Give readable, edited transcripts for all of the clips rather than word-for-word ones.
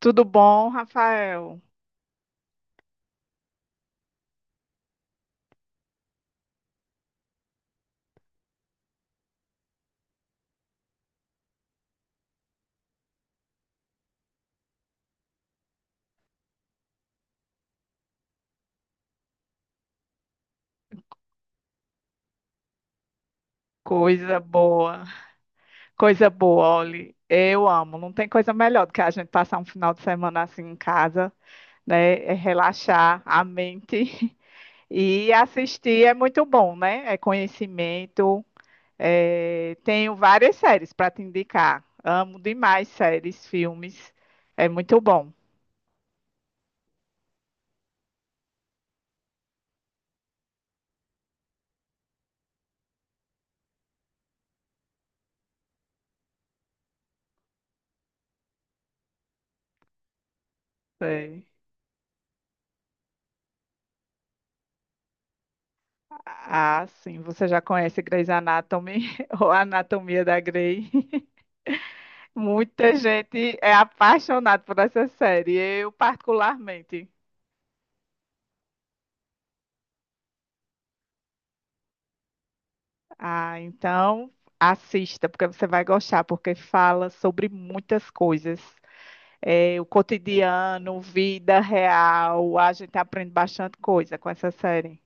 Tudo bom, Rafael? Coisa boa, coisa boa, olha, eu amo. Não tem coisa melhor do que a gente passar um final de semana assim em casa, né? É relaxar a mente e assistir é muito bom, né? É conhecimento. É, tenho várias séries para te indicar. Amo demais séries, filmes. É muito bom. Sei. Ah, sim, você já conhece Grey's Anatomy ou Anatomia da Grey? Muita gente é apaixonada por essa série, eu particularmente. Ah, então assista, porque você vai gostar, porque fala sobre muitas coisas. É, o cotidiano, vida real, a gente aprende bastante coisa com essa série.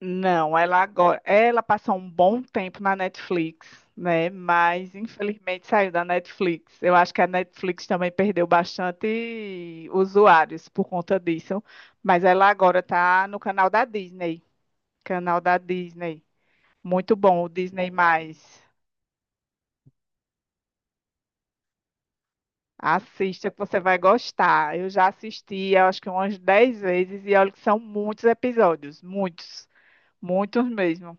Não, ela agora, ela passou um bom tempo na Netflix, né? Mas infelizmente saiu da Netflix. Eu acho que a Netflix também perdeu bastante usuários por conta disso, mas ela agora está no canal da Disney, canal da Disney. Muito bom, o Disney mais. Assista que você vai gostar. Eu já assisti, eu acho que umas 10 vezes e olha que são muitos episódios, muitos, muitos mesmo.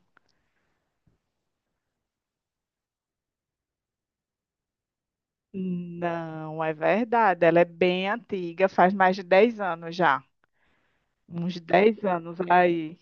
Não, é verdade. Ela é bem antiga, faz mais de 10 anos já. Uns 10 anos aí.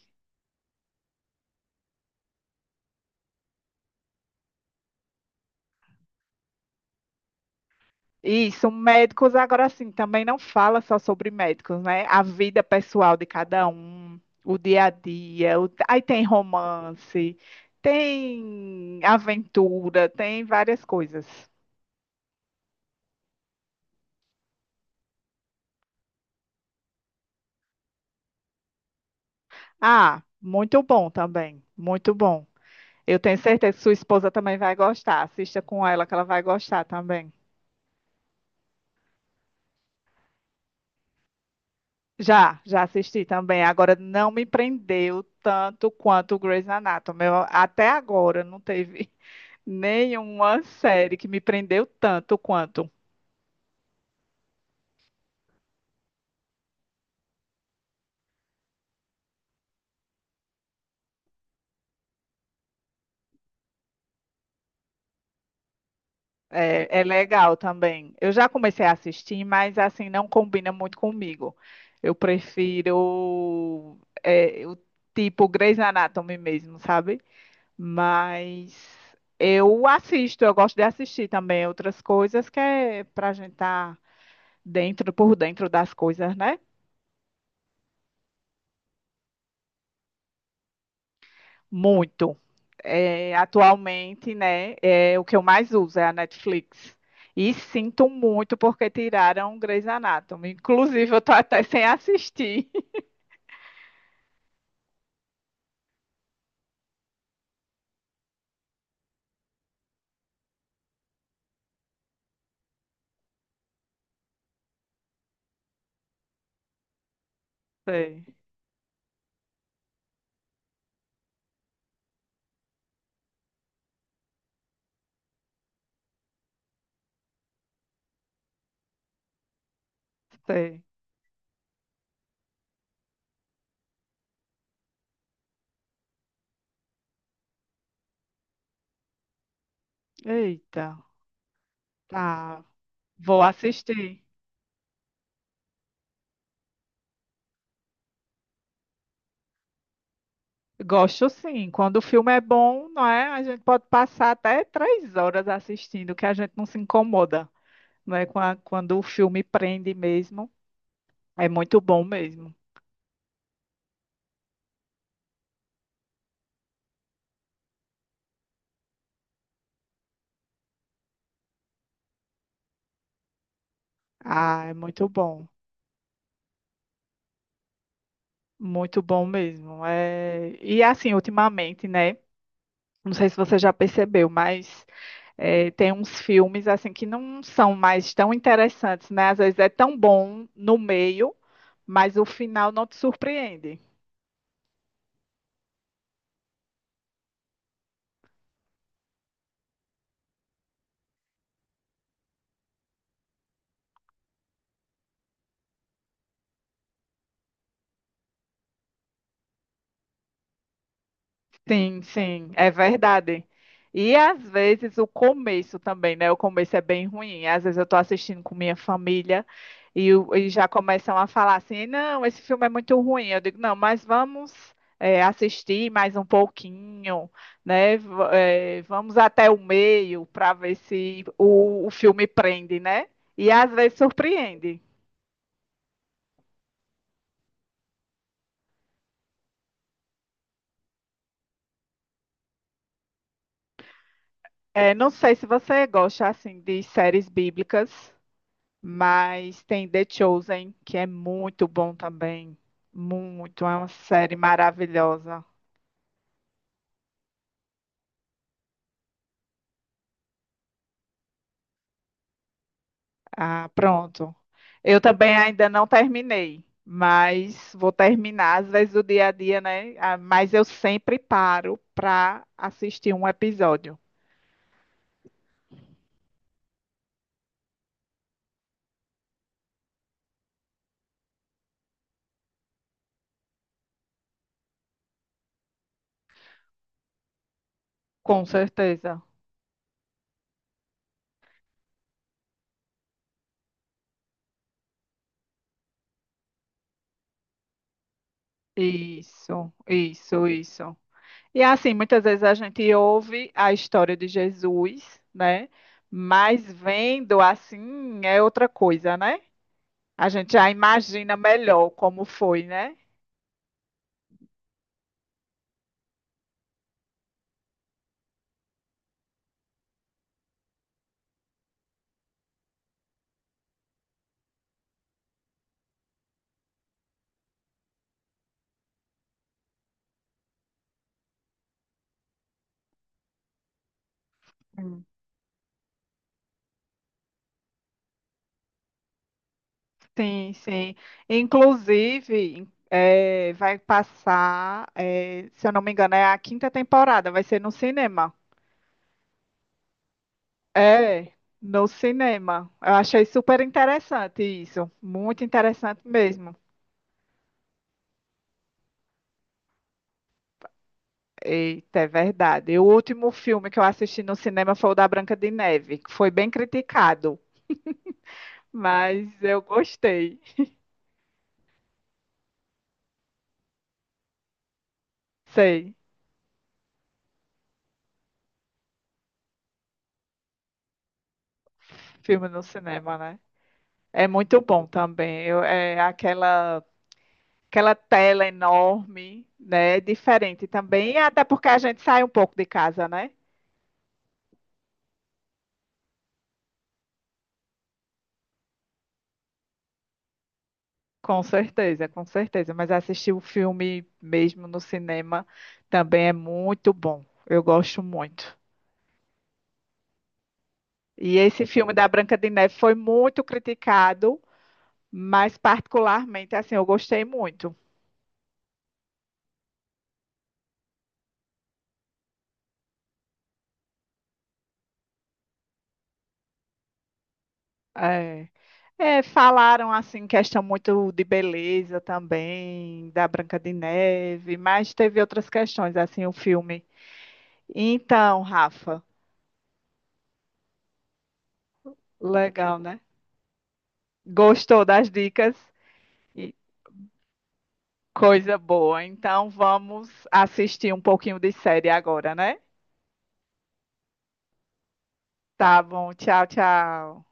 Isso, médicos agora sim, também não fala só sobre médicos, né? A vida pessoal de cada um, o dia a dia. Aí tem romance, tem aventura, tem várias coisas. Ah, muito bom também, muito bom. Eu tenho certeza que sua esposa também vai gostar. Assista com ela que ela vai gostar também. Já, já assisti também. Agora não me prendeu tanto quanto o Grey's Anatomy. Até agora não teve nenhuma série que me prendeu tanto quanto. É, é legal também. Eu já comecei a assistir, mas assim não combina muito comigo. Eu prefiro é, o tipo Grey's Anatomy mesmo, sabe? Mas eu assisto, eu gosto de assistir também outras coisas que é pra gente estar dentro, por dentro das coisas, né? Muito. É, atualmente, né, é, o que eu mais uso é a Netflix. E sinto muito porque tiraram Grey's Anatomy. Inclusive, eu tô até sem assistir. Sei, sei. Eita, tá. Vou assistir. Gosto sim. Quando o filme é bom, não é? A gente pode passar até 3 horas assistindo, que a gente não se incomoda, não é? Quando o filme prende mesmo, é muito bom mesmo. Ah, é muito bom mesmo. É... E assim, ultimamente, né? Não sei se você já percebeu, mas é, tem uns filmes assim que não são mais tão interessantes, né? Às vezes é tão bom no meio, mas o final não te surpreende. Sim, sim, é verdade. E às vezes o começo também, né? O começo é bem ruim. Às vezes eu tô assistindo com minha família e, e já começam a falar assim: não, esse filme é muito ruim. Eu digo: não, mas vamos assistir mais um pouquinho, né? Vamos até o meio para ver se o filme prende, né? E às vezes surpreende. É, não sei se você gosta assim de séries bíblicas. Mas tem The Chosen, que é muito bom também. Muito, é uma série maravilhosa. Ah, pronto. Eu também ainda não terminei, mas vou terminar às vezes o dia a dia, né? Ah, mas eu sempre paro para assistir um episódio. Com certeza. Isso, isso, isso. E assim, muitas vezes a gente ouve a história de Jesus, né? Mas vendo assim é outra coisa, né? A gente já imagina melhor como foi, né? Hum. Sim, sim. Inclusive, vai passar, se eu não me engano, é a quinta temporada, vai ser no cinema. É, no cinema. Eu achei super interessante isso. Muito interessante mesmo. Eita, é verdade. O último filme que eu assisti no cinema foi o da Branca de Neve, que foi bem criticado, mas eu gostei. Sei, filme no cinema, né? É muito bom também. Eu- é aquela, aquela tela enorme, né? É diferente também, até porque a gente sai um pouco de casa, né? Com certeza, com certeza. Mas assistir o filme mesmo no cinema também é muito bom. Eu gosto muito. E esse filme da Branca de Neve foi muito criticado, mas particularmente, assim, eu gostei muito. É. É, falaram assim, questão muito de beleza também, da Branca de Neve, mas teve outras questões, assim, o filme. Então, Rafa, legal, né? Gostou das dicas? E coisa boa. Então, vamos assistir um pouquinho de série agora, né? Tá bom, tchau, tchau.